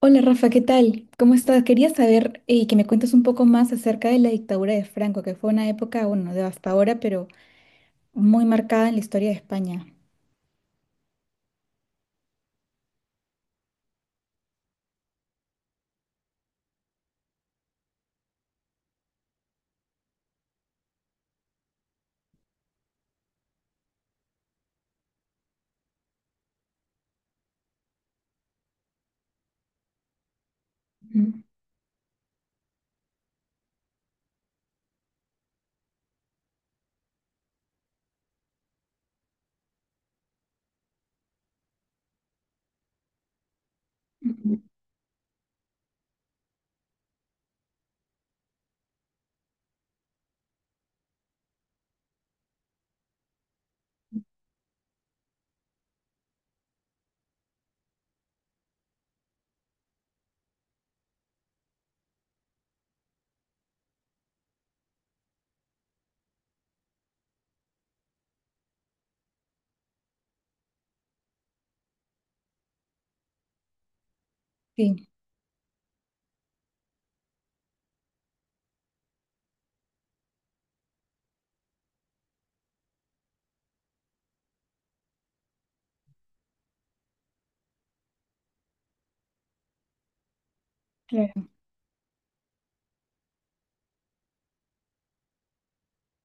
Hola Rafa, ¿qué tal? ¿Cómo estás? Quería saber que me cuentes un poco más acerca de la dictadura de Franco, que fue una época, bueno, devastadora, pero muy marcada en la historia de España. Ujú. Ujú. Sí, claro.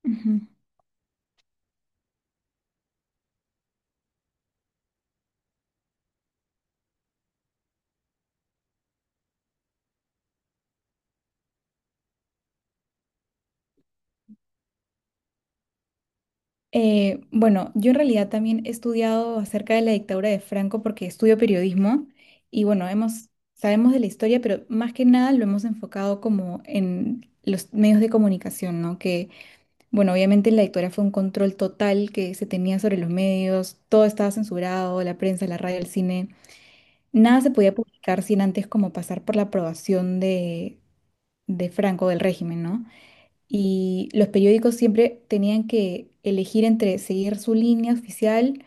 Ujú. Bueno, yo en realidad también he estudiado acerca de la dictadura de Franco porque estudio periodismo y bueno, sabemos de la historia, pero más que nada lo hemos enfocado como en los medios de comunicación, ¿no? Que bueno, obviamente en la dictadura fue un control total que se tenía sobre los medios, todo estaba censurado, la prensa, la radio, el cine. Nada se podía publicar sin antes como pasar por la aprobación de Franco, del régimen, ¿no? Y los periódicos siempre tenían que elegir entre seguir su línea oficial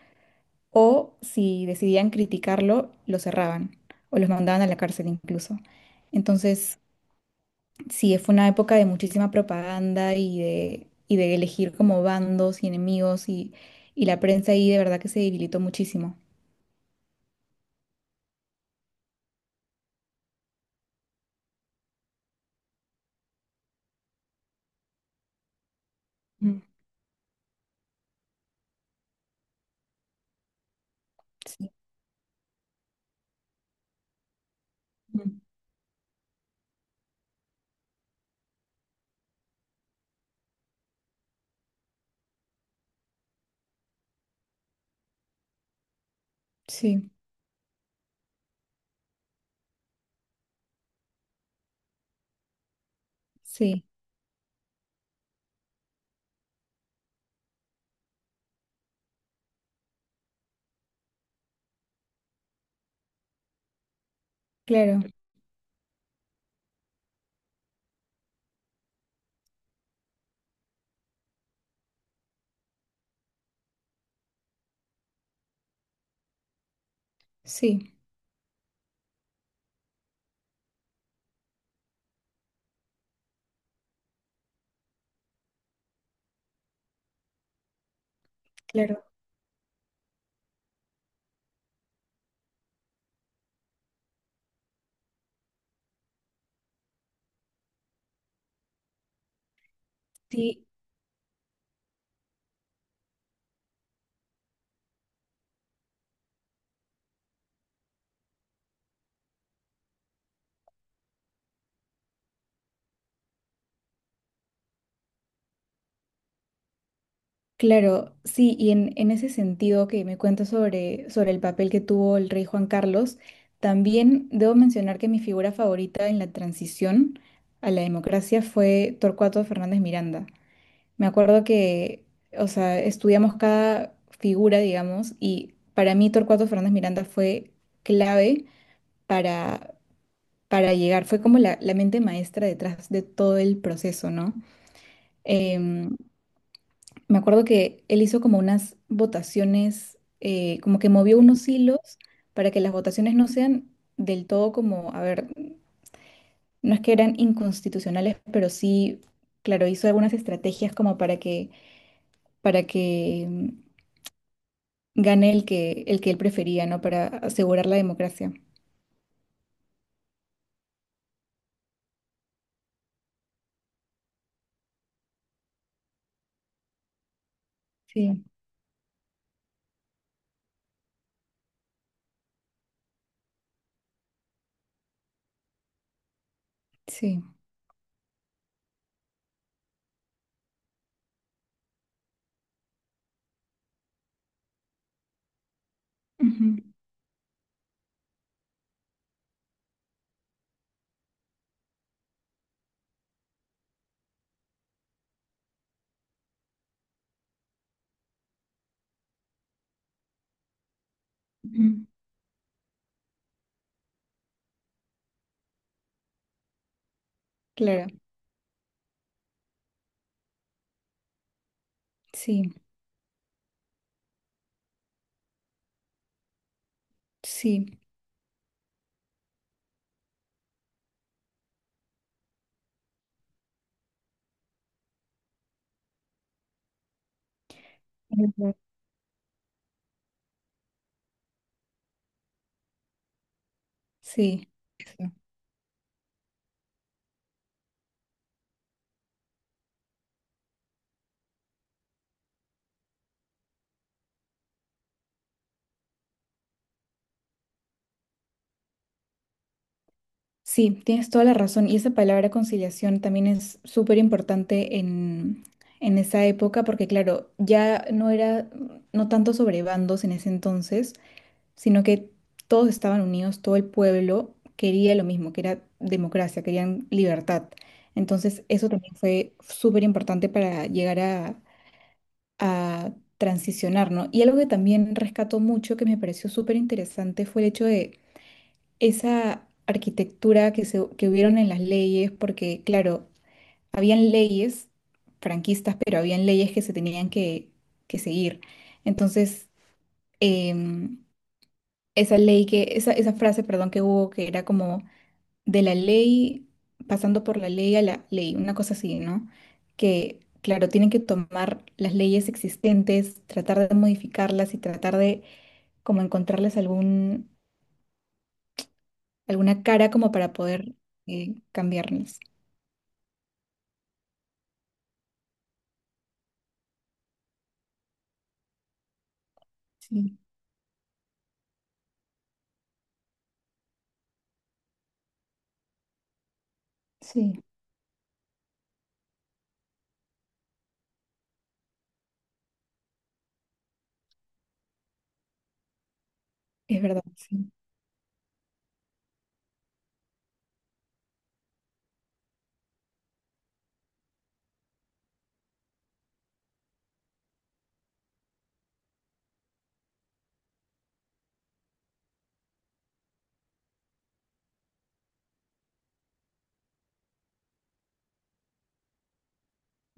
o si decidían criticarlo, lo cerraban o los mandaban a la cárcel incluso. Entonces, sí, fue una época de muchísima propaganda y de elegir como bandos y enemigos y la prensa ahí de verdad que se debilitó muchísimo. Mm, sí, mm. Sí, sí, claro, sí, claro, sí, claro, sí. Y en ese sentido que me cuentas sobre, sobre el papel que tuvo el rey Juan Carlos, también debo mencionar que mi figura favorita en la transición a la democracia fue Torcuato Fernández Miranda. Me acuerdo que, o sea, estudiamos cada figura, digamos, y para mí Torcuato Fernández Miranda fue clave para, para llegar, fue como la mente maestra detrás de todo el proceso, ¿no? Em, me acuerdo que él hizo como unas votaciones, como que movió unos hilos para que las votaciones no sean del todo como, a ver, no es que eran inconstitucionales, pero sí, claro, hizo algunas estrategias como para que gane el que él prefería, ¿no? Para asegurar la democracia. Sí, sí. Ujú, ujú. Claro, sí, sí. Ujú. Sí. Eso. Sí, tienes toda la razón. Y esa palabra conciliación también es súper importante en esa época, porque claro, ya no era, no tanto sobre bandos en ese entonces, sino que todos estaban unidos, todo el pueblo quería lo mismo, que era democracia, querían libertad. Entonces, eso también fue súper importante para llegar a transicionar, ¿no? Y algo que también rescató mucho, que me pareció súper interesante, fue el hecho de esa arquitectura que, se, que hubieron en las leyes, porque, claro, habían leyes franquistas, pero habían leyes que se tenían que seguir. Entonces, em, esa ley que, esa frase, perdón, que hubo que era como de la ley, pasando por la ley a la ley, una cosa así, ¿no? Que, claro, tienen que tomar las leyes existentes, tratar de modificarlas y tratar de como encontrarles algún, alguna cara como para poder cambiarlas. Sí, sí, es verdad, sí.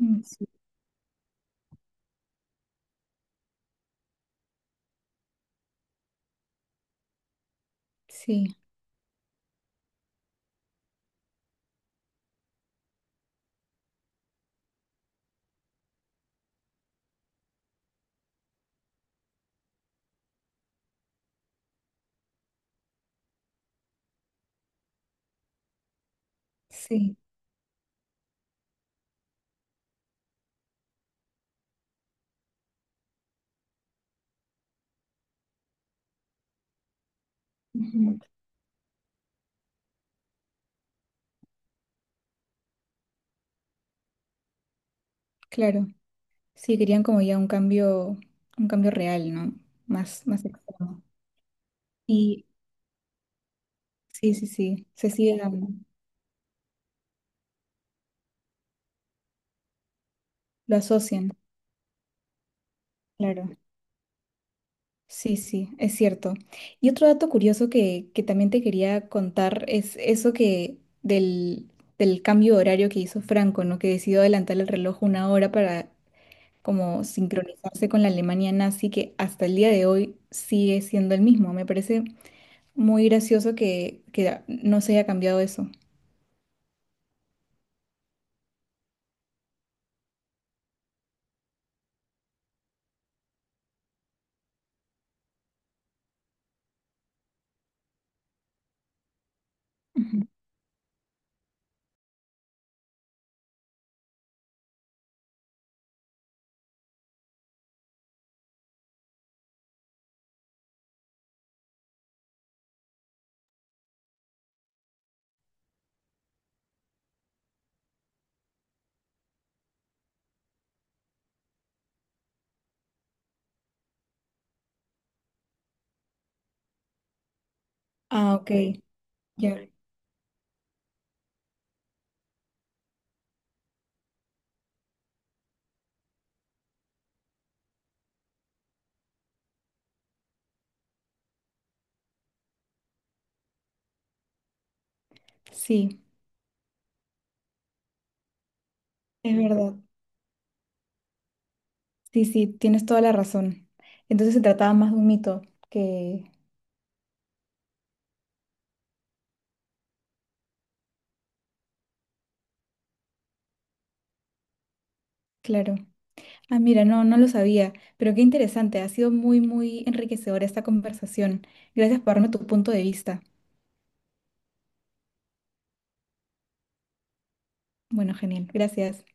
Mm, sí, sí. Sí. Ujú. Claro, sí, querían como ya un cambio real, ¿no? Más, más extremo. Y sí, sí, sí, se sigue dando, lo asocian, claro. Sí, sí, es cierto. Y otro dato curioso que también te quería contar es eso que del, del cambio de horario que hizo Franco, ¿no? Que decidió adelantar el reloj 1 hora para como sincronizarse con la Alemania nazi, que hasta el día de hoy sigue siendo el mismo. Me parece muy gracioso que no se haya cambiado eso. Ujú. Ah, ok, ya. Sí, es verdad. Sí, sí, tienes toda la razón. Entonces se trataba más de un mito que, claro. Ah, mira, no, no lo sabía, pero qué interesante. Ha sido muy, muy enriquecedora esta conversación. Gracias por darme tu punto de vista. Bueno, genial. Gracias.